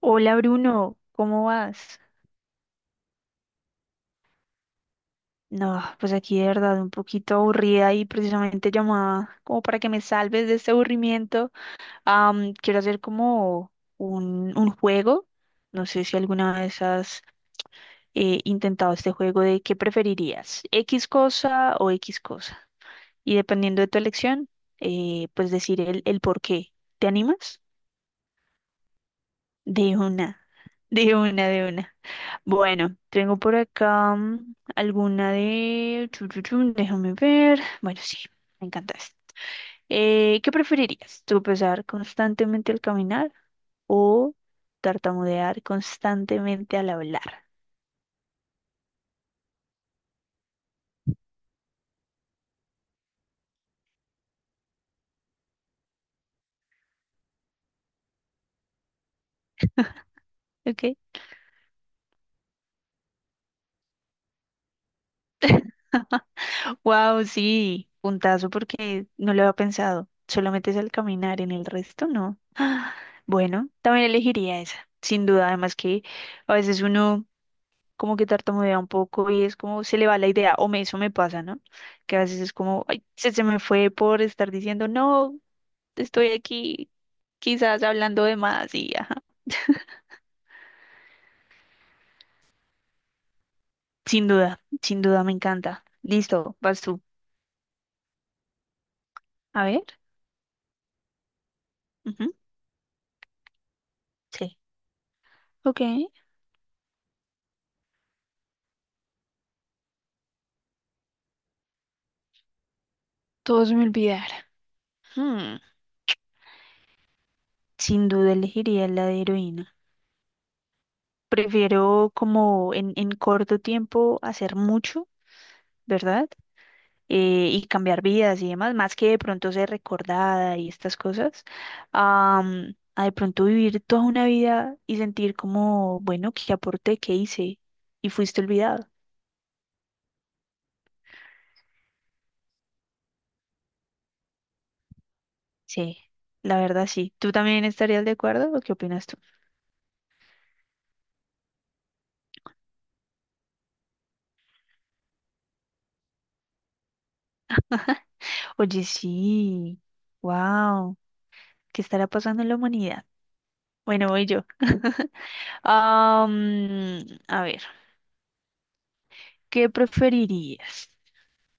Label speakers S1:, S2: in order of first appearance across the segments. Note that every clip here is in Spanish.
S1: Hola Bruno, ¿cómo vas? No, pues aquí de verdad un poquito aburrida y precisamente llamada como para que me salves de este aburrimiento. Quiero hacer como un juego. No sé si alguna vez has intentado este juego de qué preferirías, X cosa o X cosa. Y dependiendo de tu elección, pues decir el por qué. ¿Te animas? De una, de una. Bueno, tengo por acá alguna de... chu, chu, chu, déjame ver. Bueno, sí, me encanta esta. ¿Qué preferirías? ¿Tropezar constantemente al caminar o tartamudear constantemente al hablar? ¿Ok? Wow, sí, puntazo porque no lo había pensado. Solamente es al caminar, en el resto no. Bueno, también elegiría esa, sin duda. Además que a veces uno como que tartamudea un poco y es como se le va la idea, o me, eso me pasa, ¿no? Que a veces es como, ay, se me fue por estar diciendo, no, estoy aquí quizás hablando de más y ajá. Sin duda, sin duda me encanta. Listo, vas tú. A ver. Ujú, sí. Ok. Todo se me olvidar. Hmm, sin duda elegiría la de heroína. Prefiero como en corto tiempo hacer mucho, ¿verdad? Y cambiar vidas y demás, más que de pronto ser recordada y estas cosas, a de pronto vivir toda una vida y sentir como, bueno, qué aporté qué hice y fuiste olvidado. Sí, la verdad sí. ¿Tú también estarías de acuerdo o qué opinas tú? Oye, sí, wow, ¿qué estará pasando en la humanidad? Bueno, voy yo. A ver, ¿qué preferirías?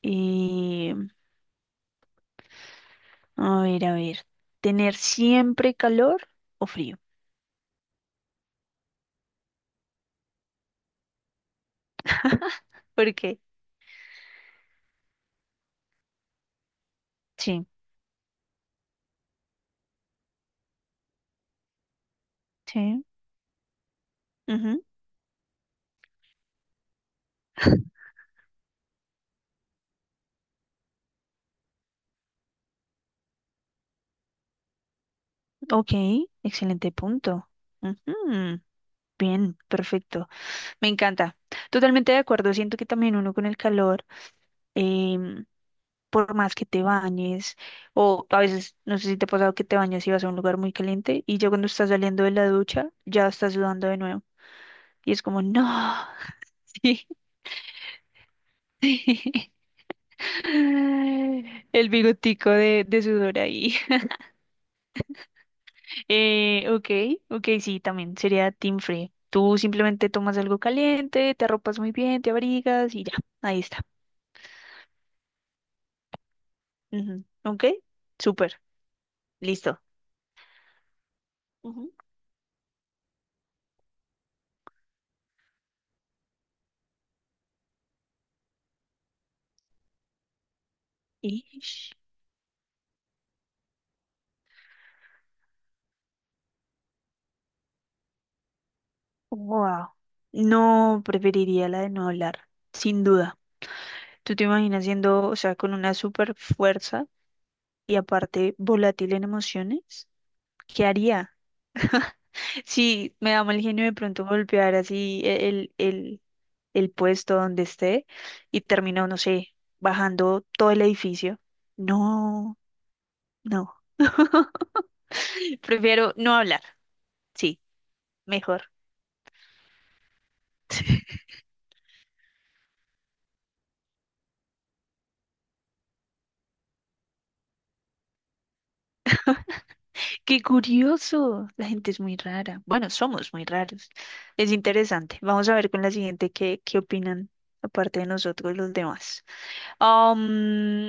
S1: Eh, a ver, ¿tener siempre calor o frío? Porque, sí, sí. Ujú. Ok, excelente punto. Ujú, bien, perfecto. Me encanta. Totalmente de acuerdo. Siento que también uno con el calor, em, por más que te bañes, o a veces, no sé si te ha pasado que te bañas y vas a un lugar muy caliente y ya cuando estás saliendo de la ducha, ya estás sudando de nuevo. Y es como, no, sí. Sí. El bigotico de sudor ahí. Ok, ok, sí, también sería team free. Tú simplemente tomas algo caliente, te arropas muy bien, te abrigas y ya, ahí está. Ujú, ok, súper, listo. Ujú. Ish, wow. No, preferiría la de no hablar, sin duda. ¿Tú te imaginas siendo, o sea, con una super fuerza y aparte volátil en emociones? ¿Qué haría? Si me da mal genio de pronto golpear así el puesto donde esté y termino, no sé, bajando todo el edificio. No, no. Prefiero no hablar. Sí, mejor. Qué curioso. La gente es muy rara. Bueno, somos muy raros. Es interesante. Vamos a ver con la siguiente qué opinan aparte de nosotros los demás. Am,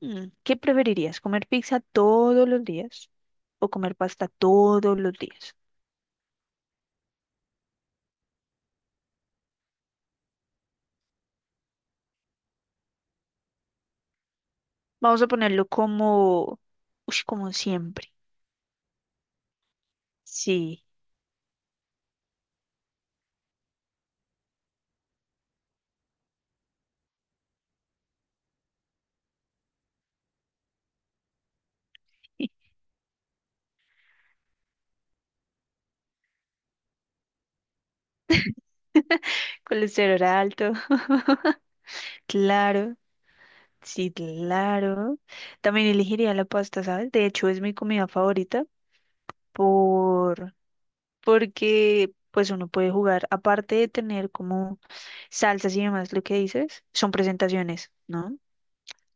S1: ¿Qué preferirías? ¿Comer pizza todos los días o comer pasta todos los días? Vamos a ponerlo como, ush, como siempre. Sí. Colesterol alto. Claro, sí, claro. También elegiría la pasta, ¿sabes? De hecho, es mi comida favorita por porque pues uno puede jugar aparte de tener como salsas y demás, lo que dices, son presentaciones, ¿no?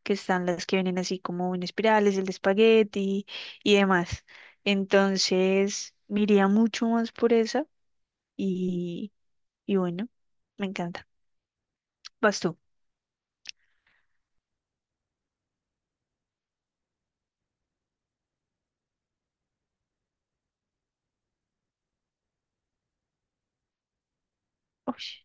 S1: Que están las que vienen así como en espirales, el de espagueti y demás. Entonces, me iría mucho más por esa y, y bueno, me encanta. Vas tú. Uy,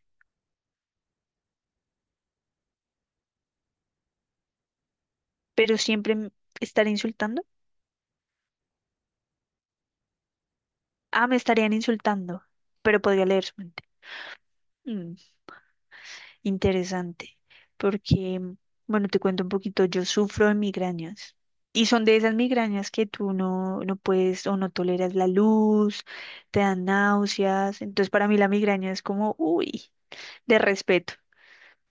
S1: pero siempre m- estaré insultando. Ah, me estarían insultando, pero podría leer su mente. Mm. Interesante, porque, bueno, te cuento un poquito, yo sufro de migrañas y son de esas migrañas que tú no, no puedes o no toleras la luz, te dan náuseas, entonces para mí la migraña es como, uy, de respeto.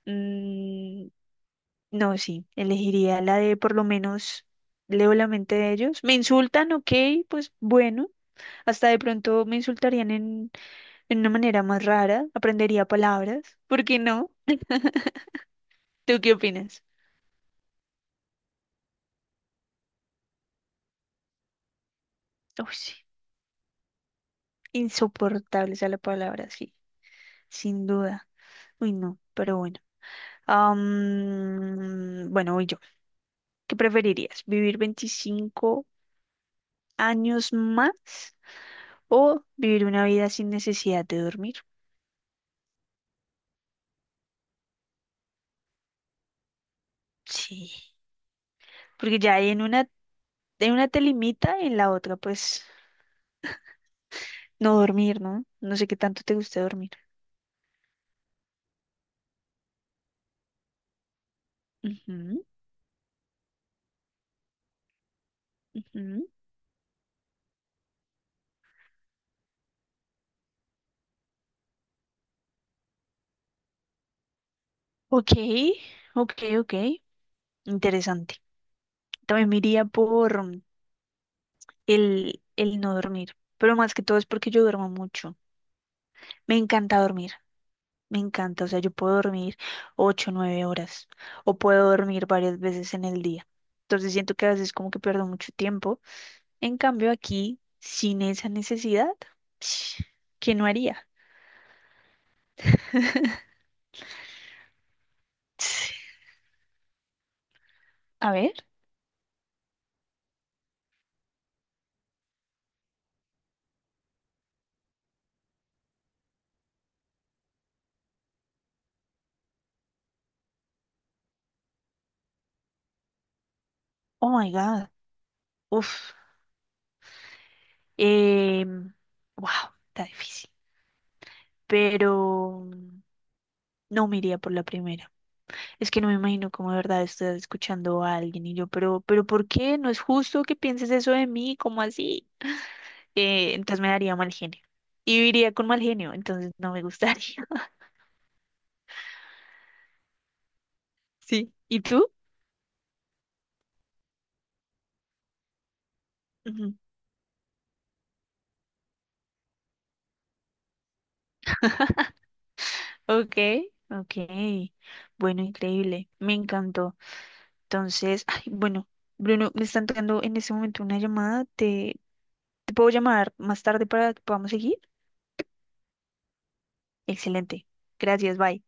S1: Mm, no, sí, elegiría la de por lo menos leo la mente de ellos. Me insultan, ok, pues bueno, hasta de pronto me insultarían en una manera más rara, aprendería palabras, ¿por qué no? ¿Tú qué opinas? Uy, sí. Insoportable, esa es la palabra, sí, sin duda. Uy, no, pero bueno. Bueno, voy yo. ¿Qué preferirías? ¿Vivir 25 años más o vivir una vida sin necesidad de dormir? Sí, porque ya hay en una te limita, en la otra, pues no dormir, ¿no? No sé qué tanto te gusta dormir. Ujú, ujú. Ok, ok, ok. Interesante. También me iría por, el no dormir, pero más que todo es porque yo duermo mucho. Me encanta dormir, me encanta, o sea, yo puedo dormir 8, 9 horas o puedo dormir varias veces en el día. Entonces siento que a veces como que pierdo mucho tiempo. En cambio aquí, sin esa necesidad, ¿qué no haría? A ver, oh my God, uf, eh, wow, está difícil, pero no me iría por la primera. Es que no me imagino cómo de verdad estás escuchando a alguien y yo, pero ¿por qué? No es justo que pienses eso de mí, ¿cómo así? Entonces me daría mal genio. Y viviría con mal genio, entonces no me gustaría. Sí. ¿Y tú? Ujú. Ok, ok. Bueno, increíble. Me encantó. Entonces, ay, bueno, Bruno, me están tocando en este momento una llamada. ¿Te, te puedo llamar más tarde para que podamos seguir? Excelente. Gracias, bye.